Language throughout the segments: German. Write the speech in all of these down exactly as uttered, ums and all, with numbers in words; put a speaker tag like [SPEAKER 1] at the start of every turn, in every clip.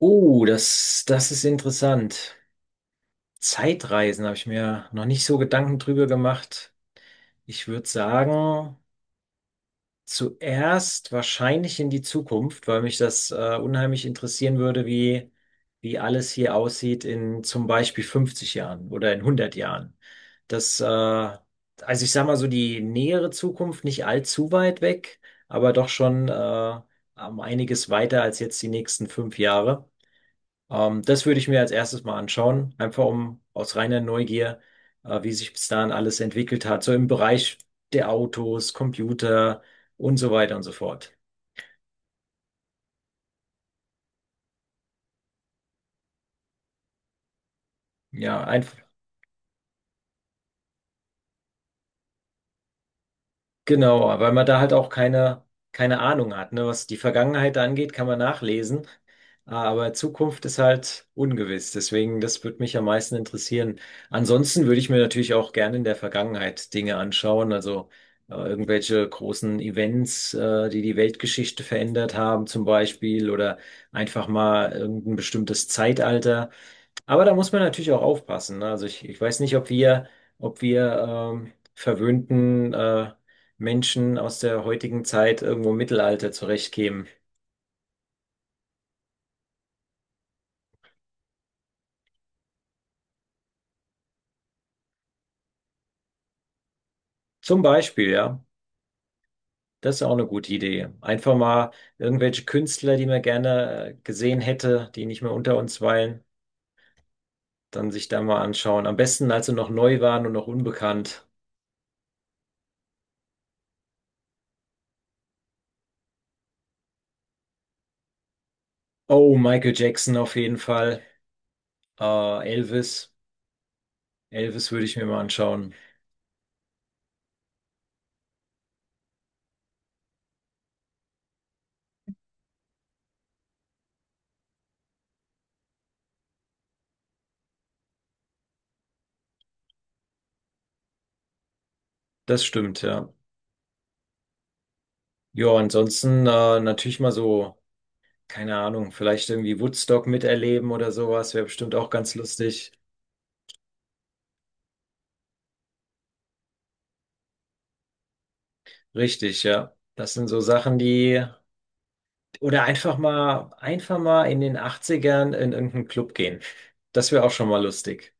[SPEAKER 1] Oh, das, das ist interessant. Zeitreisen habe ich mir noch nicht so Gedanken drüber gemacht. Ich würde sagen, zuerst wahrscheinlich in die Zukunft, weil mich das äh, unheimlich interessieren würde, wie, wie alles hier aussieht in zum Beispiel fünfzig Jahren oder in hundert Jahren. Das, äh, also ich sage mal so die nähere Zukunft, nicht allzu weit weg, aber doch schon äh, um einiges weiter als jetzt die nächsten fünf Jahre. Ähm, das würde ich mir als erstes mal anschauen, einfach um aus reiner Neugier, äh, wie sich bis dahin alles entwickelt hat, so im Bereich der Autos, Computer und so weiter und so fort. Ja, ein, Genau, weil man da halt auch keine, keine Ahnung hat, ne? Was die Vergangenheit angeht, kann man nachlesen, aber Zukunft ist halt ungewiss. Deswegen, das würde mich am meisten interessieren. Ansonsten würde ich mir natürlich auch gerne in der Vergangenheit Dinge anschauen, also äh, irgendwelche großen Events, äh, die die Weltgeschichte verändert haben, zum Beispiel, oder einfach mal irgendein bestimmtes Zeitalter. Aber da muss man natürlich auch aufpassen, ne? Also ich, ich weiß nicht, ob wir, ob wir ähm, verwöhnten äh, Menschen aus der heutigen Zeit irgendwo im Mittelalter zurechtkämen. Zum Beispiel, ja, das ist auch eine gute Idee. Einfach mal irgendwelche Künstler, die man gerne äh, gesehen hätte, die nicht mehr unter uns weilen, dann sich da mal anschauen. Am besten, als sie noch neu waren und noch unbekannt. Oh, Michael Jackson auf jeden Fall. Äh, Elvis. Elvis würde ich mir mal anschauen. Das stimmt, ja. Ja, ansonsten äh, natürlich mal so, keine Ahnung, vielleicht irgendwie Woodstock miterleben oder sowas, wäre bestimmt auch ganz lustig. Richtig, ja. Das sind so Sachen, die, oder einfach mal, einfach mal in den Achtzigern in irgendeinen Club gehen. Das wäre auch schon mal lustig.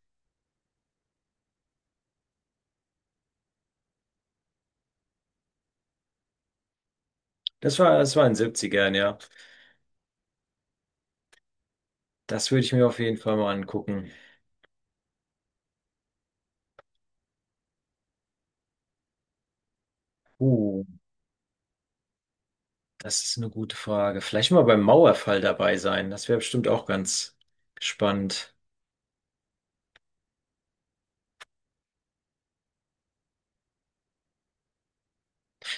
[SPEAKER 1] Das war, das war in den siebzigern ja. Das würde ich mir auf jeden Fall mal angucken. Uh, das ist eine gute Frage. Vielleicht mal beim Mauerfall dabei sein. Das wäre bestimmt auch ganz spannend.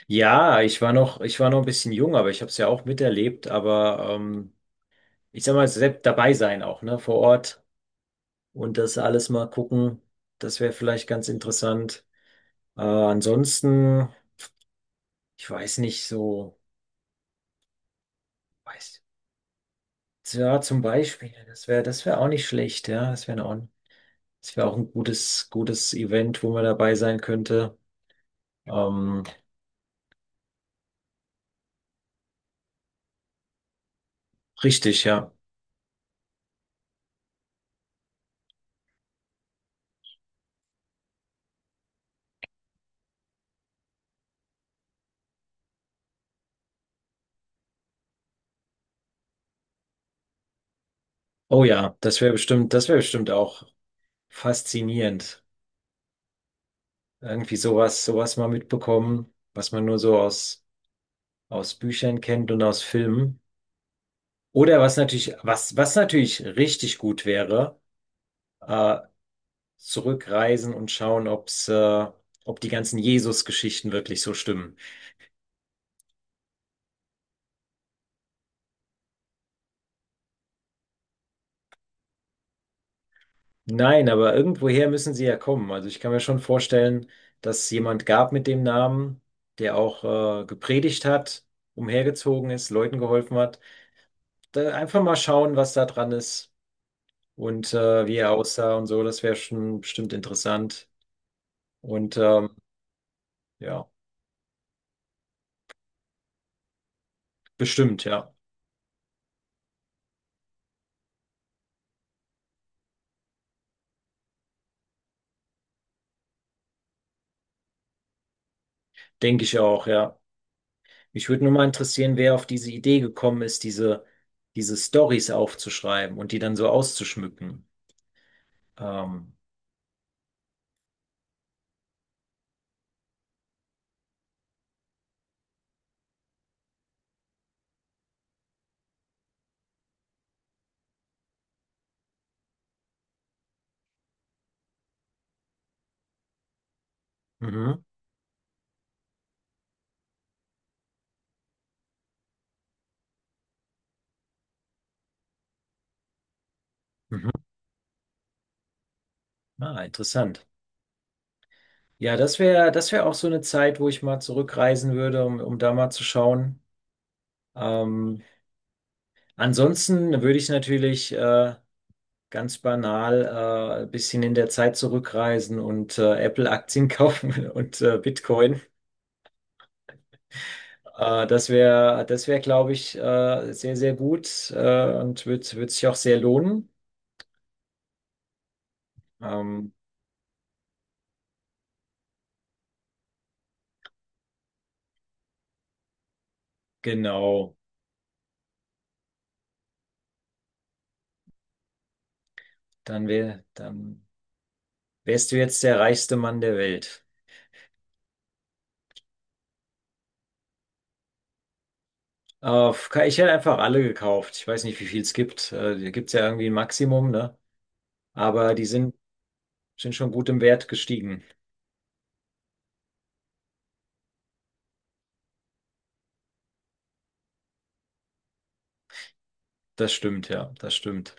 [SPEAKER 1] Ja, ich war noch, ich war noch ein bisschen jung, aber ich habe es ja auch miterlebt. Aber ähm, ich sag mal, selbst dabei sein auch, ne, vor Ort und das alles mal gucken, das wäre vielleicht ganz interessant. Äh, ansonsten, ich weiß nicht so, weiß, ja, zum Beispiel, das wäre, das wäre auch nicht schlecht, ja, das wäre auch, ein- das wäre auch ein gutes, gutes Event, wo man dabei sein könnte. Ähm, richtig, ja. Oh ja, das wäre bestimmt, das wäre bestimmt auch faszinierend. Irgendwie sowas, sowas mal mitbekommen, was man nur so aus, aus Büchern kennt und aus Filmen. Oder was natürlich, was, was natürlich richtig gut wäre, äh, zurückreisen und schauen, ob's, äh, ob die ganzen Jesus-Geschichten wirklich so stimmen. Nein, aber irgendwoher müssen sie ja kommen. Also ich kann mir schon vorstellen, dass es jemand gab mit dem Namen, der auch, äh, gepredigt hat, umhergezogen ist, Leuten geholfen hat. Da einfach mal schauen, was da dran ist. Und äh, wie er aussah und so. Das wäre schon bestimmt interessant. Und ähm, ja, bestimmt, ja. Denke ich auch, ja. Mich würde nur mal interessieren, wer auf diese Idee gekommen ist, diese, diese Storys aufzuschreiben und die dann so auszuschmücken. Ähm, mhm, mhm. Ah, interessant. Ja, das wäre, das wäre auch so eine Zeit, wo ich mal zurückreisen würde, um, um da mal zu schauen. Ähm, ansonsten würde ich natürlich äh, ganz banal äh, ein bisschen in der Zeit zurückreisen und äh, Apple-Aktien kaufen und äh, Bitcoin. Äh, das wäre, das wäre, glaube ich, äh, sehr, sehr gut äh, und wird, wird sich auch sehr lohnen. Ähm, genau, dann wär, dann wärst du jetzt der reichste Mann der Welt. Äh, ich hätte einfach alle gekauft. Ich weiß nicht, wie viel es gibt. Äh, da gibt es ja irgendwie ein Maximum, ne? Aber die sind, sind schon gut im Wert gestiegen. Das stimmt, ja, das stimmt.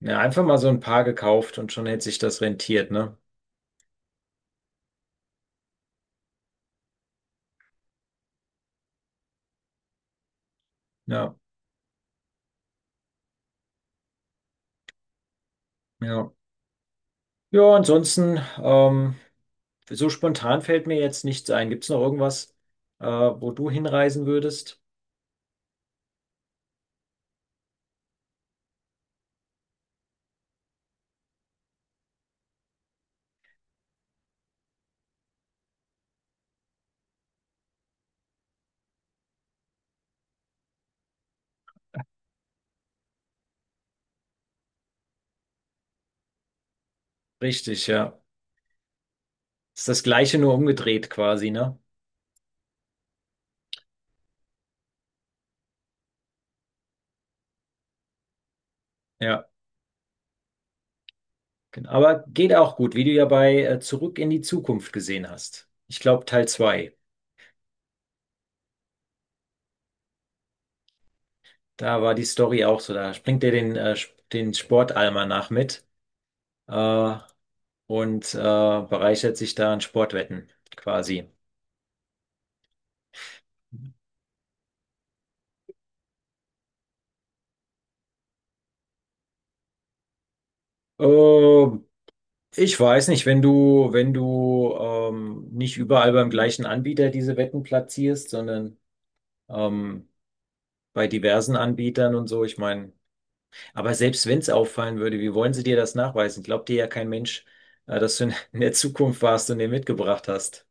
[SPEAKER 1] Ja, einfach mal so ein paar gekauft und schon hätte sich das rentiert, ne? Ja, ja. Ja, ansonsten, ähm, so spontan fällt mir jetzt nichts ein. Gibt's noch irgendwas, äh, wo du hinreisen würdest? Richtig, ja. Ist das Gleiche nur umgedreht quasi, ne? Ja, genau. Aber geht auch gut, wie du ja bei äh, Zurück in die Zukunft gesehen hast. Ich glaube, Teil zwei. Da war die Story auch so. Da springt er den, äh, Sp- den Sportalmanach mit äh, und äh, bereichert sich da an Sportwetten quasi. Äh, Ich weiß nicht, wenn du, wenn du ähm, nicht überall beim gleichen Anbieter diese Wetten platzierst, sondern ähm, bei diversen Anbietern und so, ich meine, aber selbst wenn es auffallen würde, wie wollen sie dir das nachweisen? Glaubt dir ja kein Mensch, äh, dass du in in der Zukunft warst und den mitgebracht hast.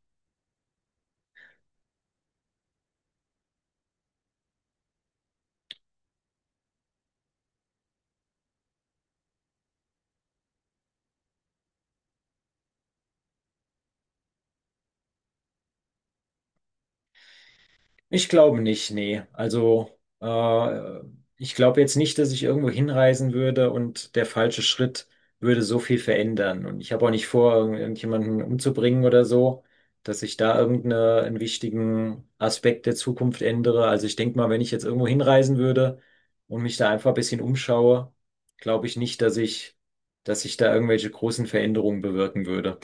[SPEAKER 1] Ich glaube nicht, nee. Also, äh, ich glaube jetzt nicht, dass ich irgendwo hinreisen würde und der falsche Schritt würde so viel verändern. Und ich habe auch nicht vor, irgend- irgendjemanden umzubringen oder so, dass ich da irgendeinen wichtigen Aspekt der Zukunft ändere. Also ich denke mal, wenn ich jetzt irgendwo hinreisen würde und mich da einfach ein bisschen umschaue, glaube ich nicht, dass ich, dass ich da irgendwelche großen Veränderungen bewirken würde.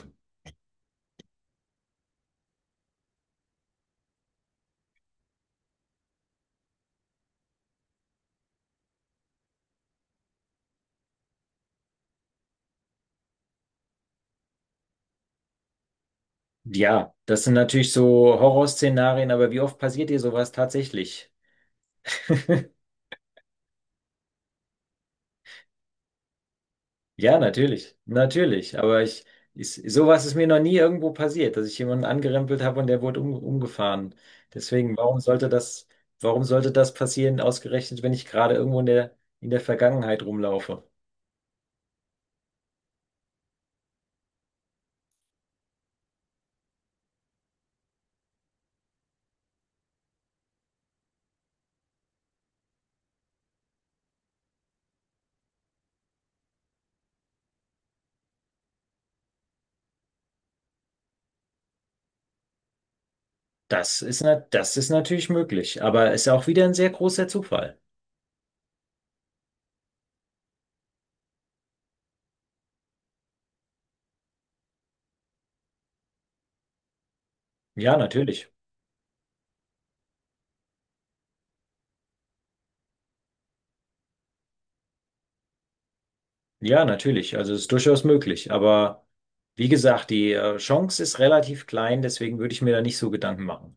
[SPEAKER 1] Ja, das sind natürlich so Horrorszenarien, aber wie oft passiert dir sowas tatsächlich? Ja, natürlich, natürlich. Aber ich, ich, sowas ist mir noch nie irgendwo passiert, dass ich jemanden angerempelt habe und der wurde um, umgefahren. Deswegen, warum sollte das, warum sollte das passieren, ausgerechnet, wenn ich gerade irgendwo in der, in der Vergangenheit rumlaufe? Das ist, na, das ist natürlich möglich, aber ist auch wieder ein sehr großer Zufall. Ja, natürlich. Ja, natürlich. Also es ist durchaus möglich. Aber wie gesagt, die äh, Chance ist relativ klein, deswegen würde ich mir da nicht so Gedanken machen.